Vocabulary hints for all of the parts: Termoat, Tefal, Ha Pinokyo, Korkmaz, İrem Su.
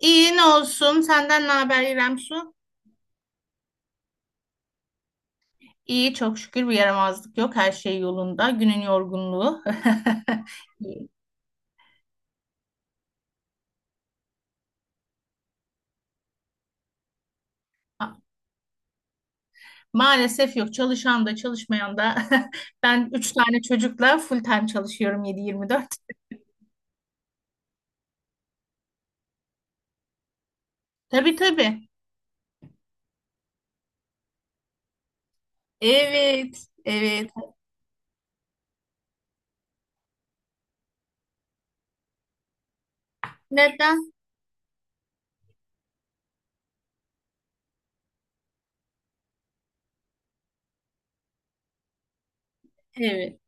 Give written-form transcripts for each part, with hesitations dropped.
İyi ne olsun? Senden ne haber İrem Su? İyi çok şükür bir yaramazlık yok. Her şey yolunda. Günün yorgunluğu. İyi. Maalesef yok. Çalışan da çalışmayan da. Ben üç tane çocukla full time çalışıyorum 7-24. Tabii tabii. Evet. Evet. Neden? Evet.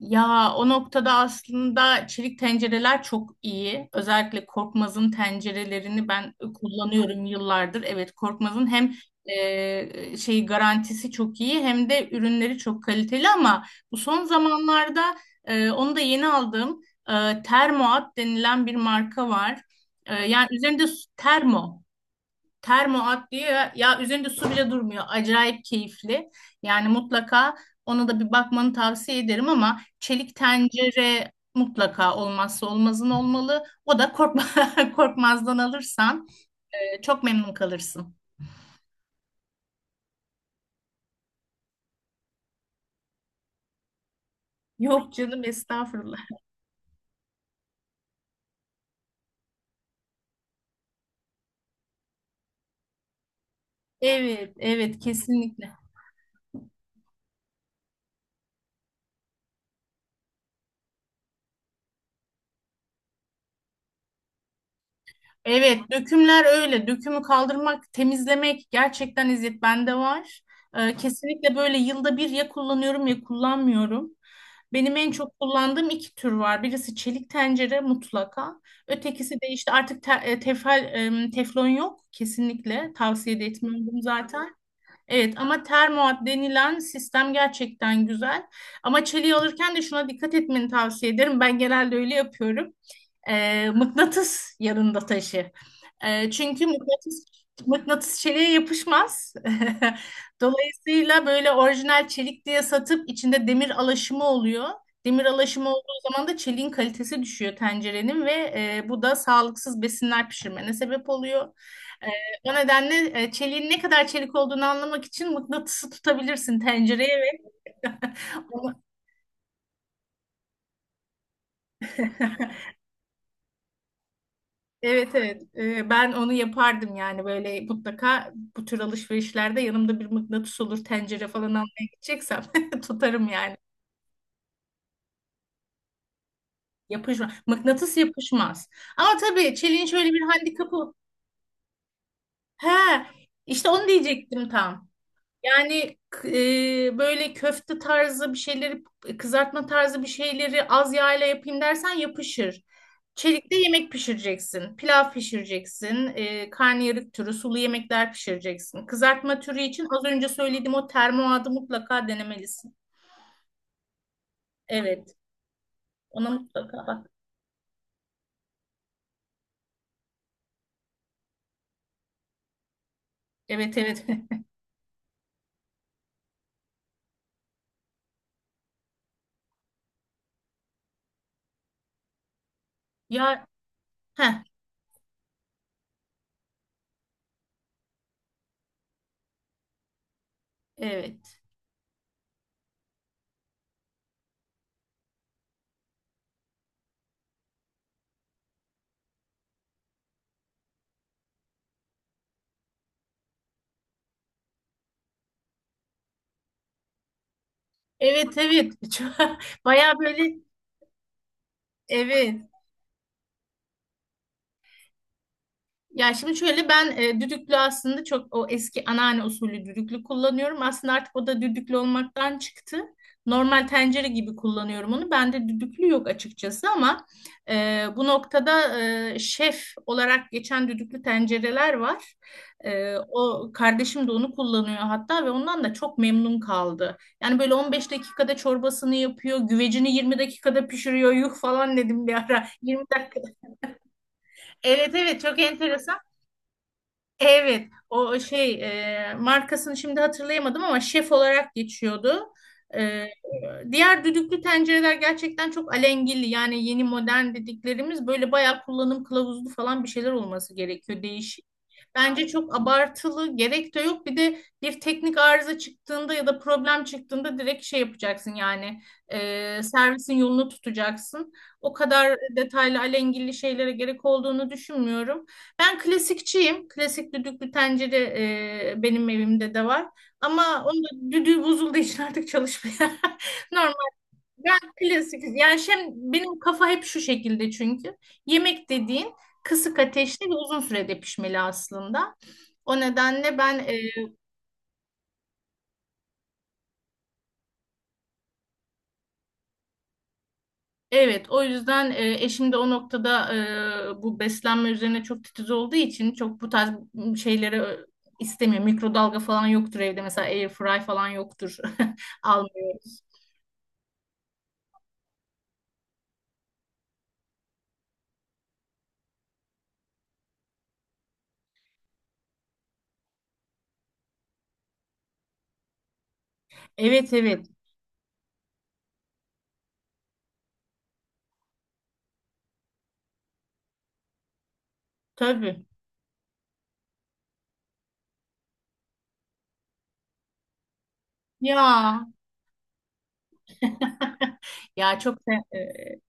Ya o noktada aslında çelik tencereler çok iyi. Özellikle Korkmaz'ın tencerelerini ben kullanıyorum yıllardır. Evet Korkmaz'ın hem şey garantisi çok iyi hem de ürünleri çok kaliteli, ama bu son zamanlarda onu da yeni aldığım Termoat denilen bir marka var. Yani üzerinde termo, Termoat diyor ya, ya üzerinde su bile durmuyor. Acayip keyifli. Yani mutlaka ona da bir bakmanı tavsiye ederim, ama çelik tencere mutlaka olmazsa olmazın olmalı. O da korkma, Korkmaz'dan alırsan çok memnun kalırsın. Yok canım estağfurullah. Evet, evet kesinlikle. Evet, dökümler öyle. Dökümü kaldırmak, temizlemek gerçekten eziyet, bende var. Kesinlikle böyle yılda bir ya kullanıyorum ya kullanmıyorum. Benim en çok kullandığım iki tür var. Birisi çelik tencere mutlaka. Ötekisi de işte artık tefal, teflon yok. Kesinlikle tavsiye de etmiyorum zaten. Evet, ama termoat denilen sistem gerçekten güzel. Ama çeliği alırken de şuna dikkat etmeni tavsiye ederim. Ben genelde öyle yapıyorum. Mıknatıs yanında taşı. Çünkü mıknatıs çeliğe yapışmaz. Dolayısıyla böyle orijinal çelik diye satıp içinde demir alaşımı oluyor. Demir alaşımı olduğu zaman da çeliğin kalitesi düşüyor tencerenin ve bu da sağlıksız besinler pişirmene sebep oluyor. E, O nedenle çeliğin ne kadar çelik olduğunu anlamak için mıknatısı tutabilirsin tencereye, ve onu evet, evet. Ben onu yapardım yani, böyle mutlaka bu tür alışverişlerde yanımda bir mıknatıs olur, tencere falan almaya gideceksem tutarım yani. Yapışmaz, mıknatıs yapışmaz, ama tabii çeliğin şöyle bir handikapı, he işte onu diyecektim tam. Yani böyle köfte tarzı bir şeyleri, kızartma tarzı bir şeyleri az yağla yapayım dersen yapışır. Çelikte yemek pişireceksin, pilav pişireceksin, karnıyarık türü sulu yemekler pişireceksin. Kızartma türü için az önce söylediğim o termoadı mutlaka denemelisin. Evet, ona mutlaka bak. Evet evet. Ya heh, evet. Evet evet. Baya böyle evet. Ya şimdi şöyle, ben düdüklü aslında, çok o eski anneanne usulü düdüklü kullanıyorum. Aslında artık o da düdüklü olmaktan çıktı. Normal tencere gibi kullanıyorum onu. Bende düdüklü yok açıkçası, ama bu noktada şef olarak geçen düdüklü tencereler var. O, kardeşim de onu kullanıyor hatta, ve ondan da çok memnun kaldı. Yani böyle 15 dakikada çorbasını yapıyor, güvecini 20 dakikada pişiriyor. Yuh falan dedim bir ara. 20 dakika. Evet evet, çok enteresan. Evet, o şey, markasını şimdi hatırlayamadım, ama şef olarak geçiyordu. E, Diğer düdüklü tencereler gerçekten çok alengili, yani yeni modern dediklerimiz böyle bayağı kullanım kılavuzlu falan bir şeyler olması gerekiyor değişik. Bence çok abartılı gerek de yok. Bir de bir teknik arıza çıktığında ya da problem çıktığında direkt şey yapacaksın yani, servisin yolunu tutacaksın. O kadar detaylı alengili şeylere gerek olduğunu düşünmüyorum. Ben klasikçiyim. Klasik düdüklü tencere benim evimde de var. Ama onun da düdüğü bozulduğu için artık çalışmıyor. Normal. Ben klasik. Yani şey, benim kafa hep şu şekilde çünkü. Yemek dediğin kısık ateşte ve uzun sürede pişmeli aslında. O nedenle ben evet, o yüzden eşim de o noktada bu beslenme üzerine çok titiz olduğu için çok bu tarz şeyleri istemiyor. Mikrodalga falan yoktur evde mesela, air fry falan yoktur. Almıyoruz. Evet evet tabii. Ya ya çok da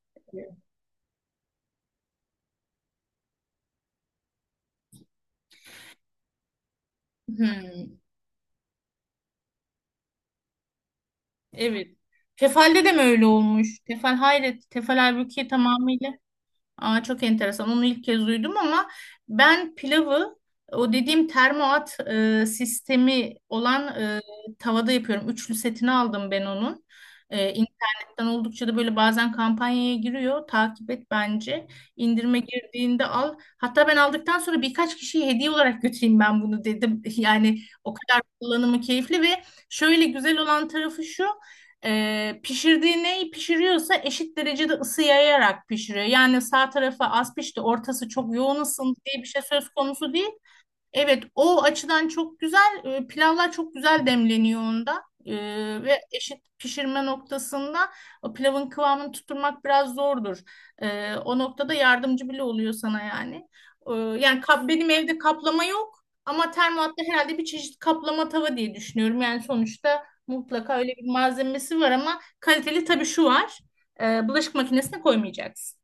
hmm, evet. Tefal'de de mi öyle olmuş? Tefal hayret. Tefal halbuki tamamıyla, aa, çok enteresan. Onu ilk kez duydum, ama ben pilavı o dediğim termoat sistemi olan tavada yapıyorum. Üçlü setini aldım ben onun. İnternetten oldukça da böyle bazen kampanyaya giriyor. Takip et bence. İndirime girdiğinde al. Hatta ben aldıktan sonra birkaç kişiye hediye olarak götüreyim ben bunu dedim. Yani o kadar kullanımı keyifli. Ve şöyle güzel olan tarafı şu. Pişirdiği, neyi pişiriyorsa eşit derecede ısı yayarak pişiriyor. Yani sağ tarafı az pişti, ortası çok yoğun ısındı diye bir şey söz konusu değil. Evet, o açıdan çok güzel. Pilavlar çok güzel demleniyor onda. Ve eşit pişirme noktasında o pilavın kıvamını tutturmak biraz zordur. O noktada yardımcı bile oluyor sana yani. Yani kap, benim evde kaplama yok, ama termoatta herhalde bir çeşit kaplama tava diye düşünüyorum. Yani sonuçta mutlaka öyle bir malzemesi var, ama kaliteli. Tabii şu var, bulaşık makinesine koymayacaksın.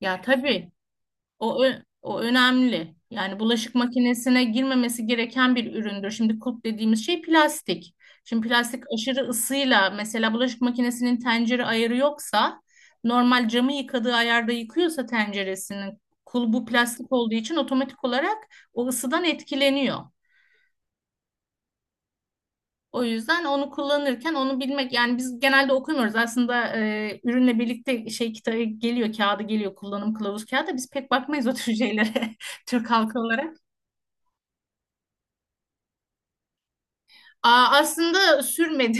Ya tabii. O önemli. Yani bulaşık makinesine girmemesi gereken bir üründür. Şimdi kulp dediğimiz şey plastik. Şimdi plastik aşırı ısıyla, mesela bulaşık makinesinin tencere ayarı yoksa, normal camı yıkadığı ayarda yıkıyorsa tenceresinin, kulbu plastik olduğu için otomatik olarak o ısıdan etkileniyor. O yüzden onu kullanırken onu bilmek. Yani biz genelde okumuyoruz. Aslında ürünle birlikte şey kitabı geliyor, kağıdı geliyor, kullanım kılavuz kağıdı. Biz pek bakmayız o tür şeylere. Türk halkı olarak. Aa, aslında sürmedi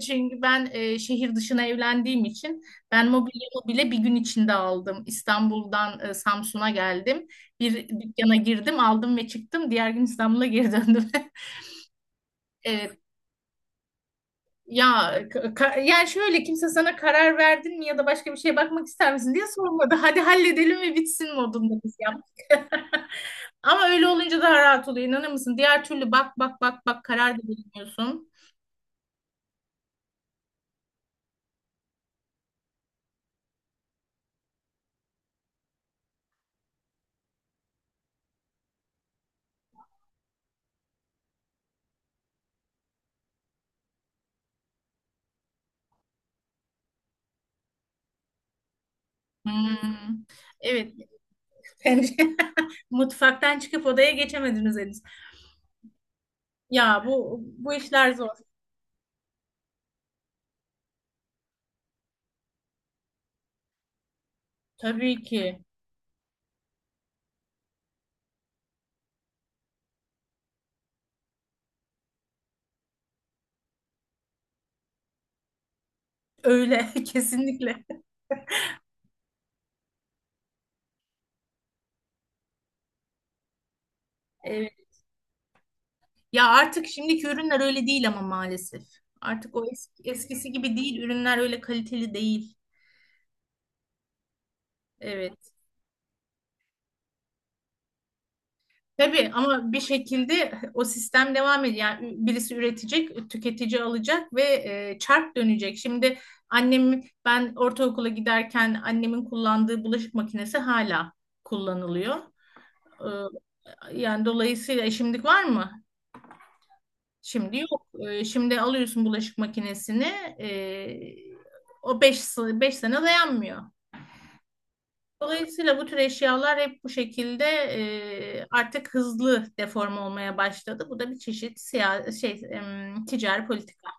çünkü ben şehir dışına evlendiğim için ben mobilyamı bile bir gün içinde aldım. İstanbul'dan Samsun'a geldim. Bir dükkana girdim, aldım ve çıktım. Diğer gün İstanbul'a geri döndüm. Evet. Ya yani şöyle, kimse sana karar verdin mi ya da başka bir şeye bakmak ister misin diye sormadı. Hadi halledelim ve bitsin modunda biz yaptık. Ama öyle olunca daha rahat oluyor. İnanır mısın? Diğer türlü bak bak bak bak, karar da veremiyorsun. Hmm. Evet. Pencere- Mutfaktan çıkıp odaya geçemediniz henüz. Ya bu işler zor. Tabii ki. Öyle kesinlikle. Evet. Ya artık şimdiki ürünler öyle değil ama maalesef. Artık o eski, eskisi gibi değil. Ürünler öyle kaliteli değil. Evet. Tabii, ama bir şekilde o sistem devam ediyor. Yani birisi üretecek, tüketici alacak ve çark dönecek. Şimdi annem, ben ortaokula giderken annemin kullandığı bulaşık makinesi hala kullanılıyor. Ee, Yani dolayısıyla şimdilik var mı? Şimdi yok. Şimdi alıyorsun bulaşık makinesini. ee, O 5 sene dayanmıyor. Dolayısıyla bu tür eşyalar hep bu şekilde artık hızlı deforme olmaya başladı. Bu da bir çeşit siya şey, ticari politika.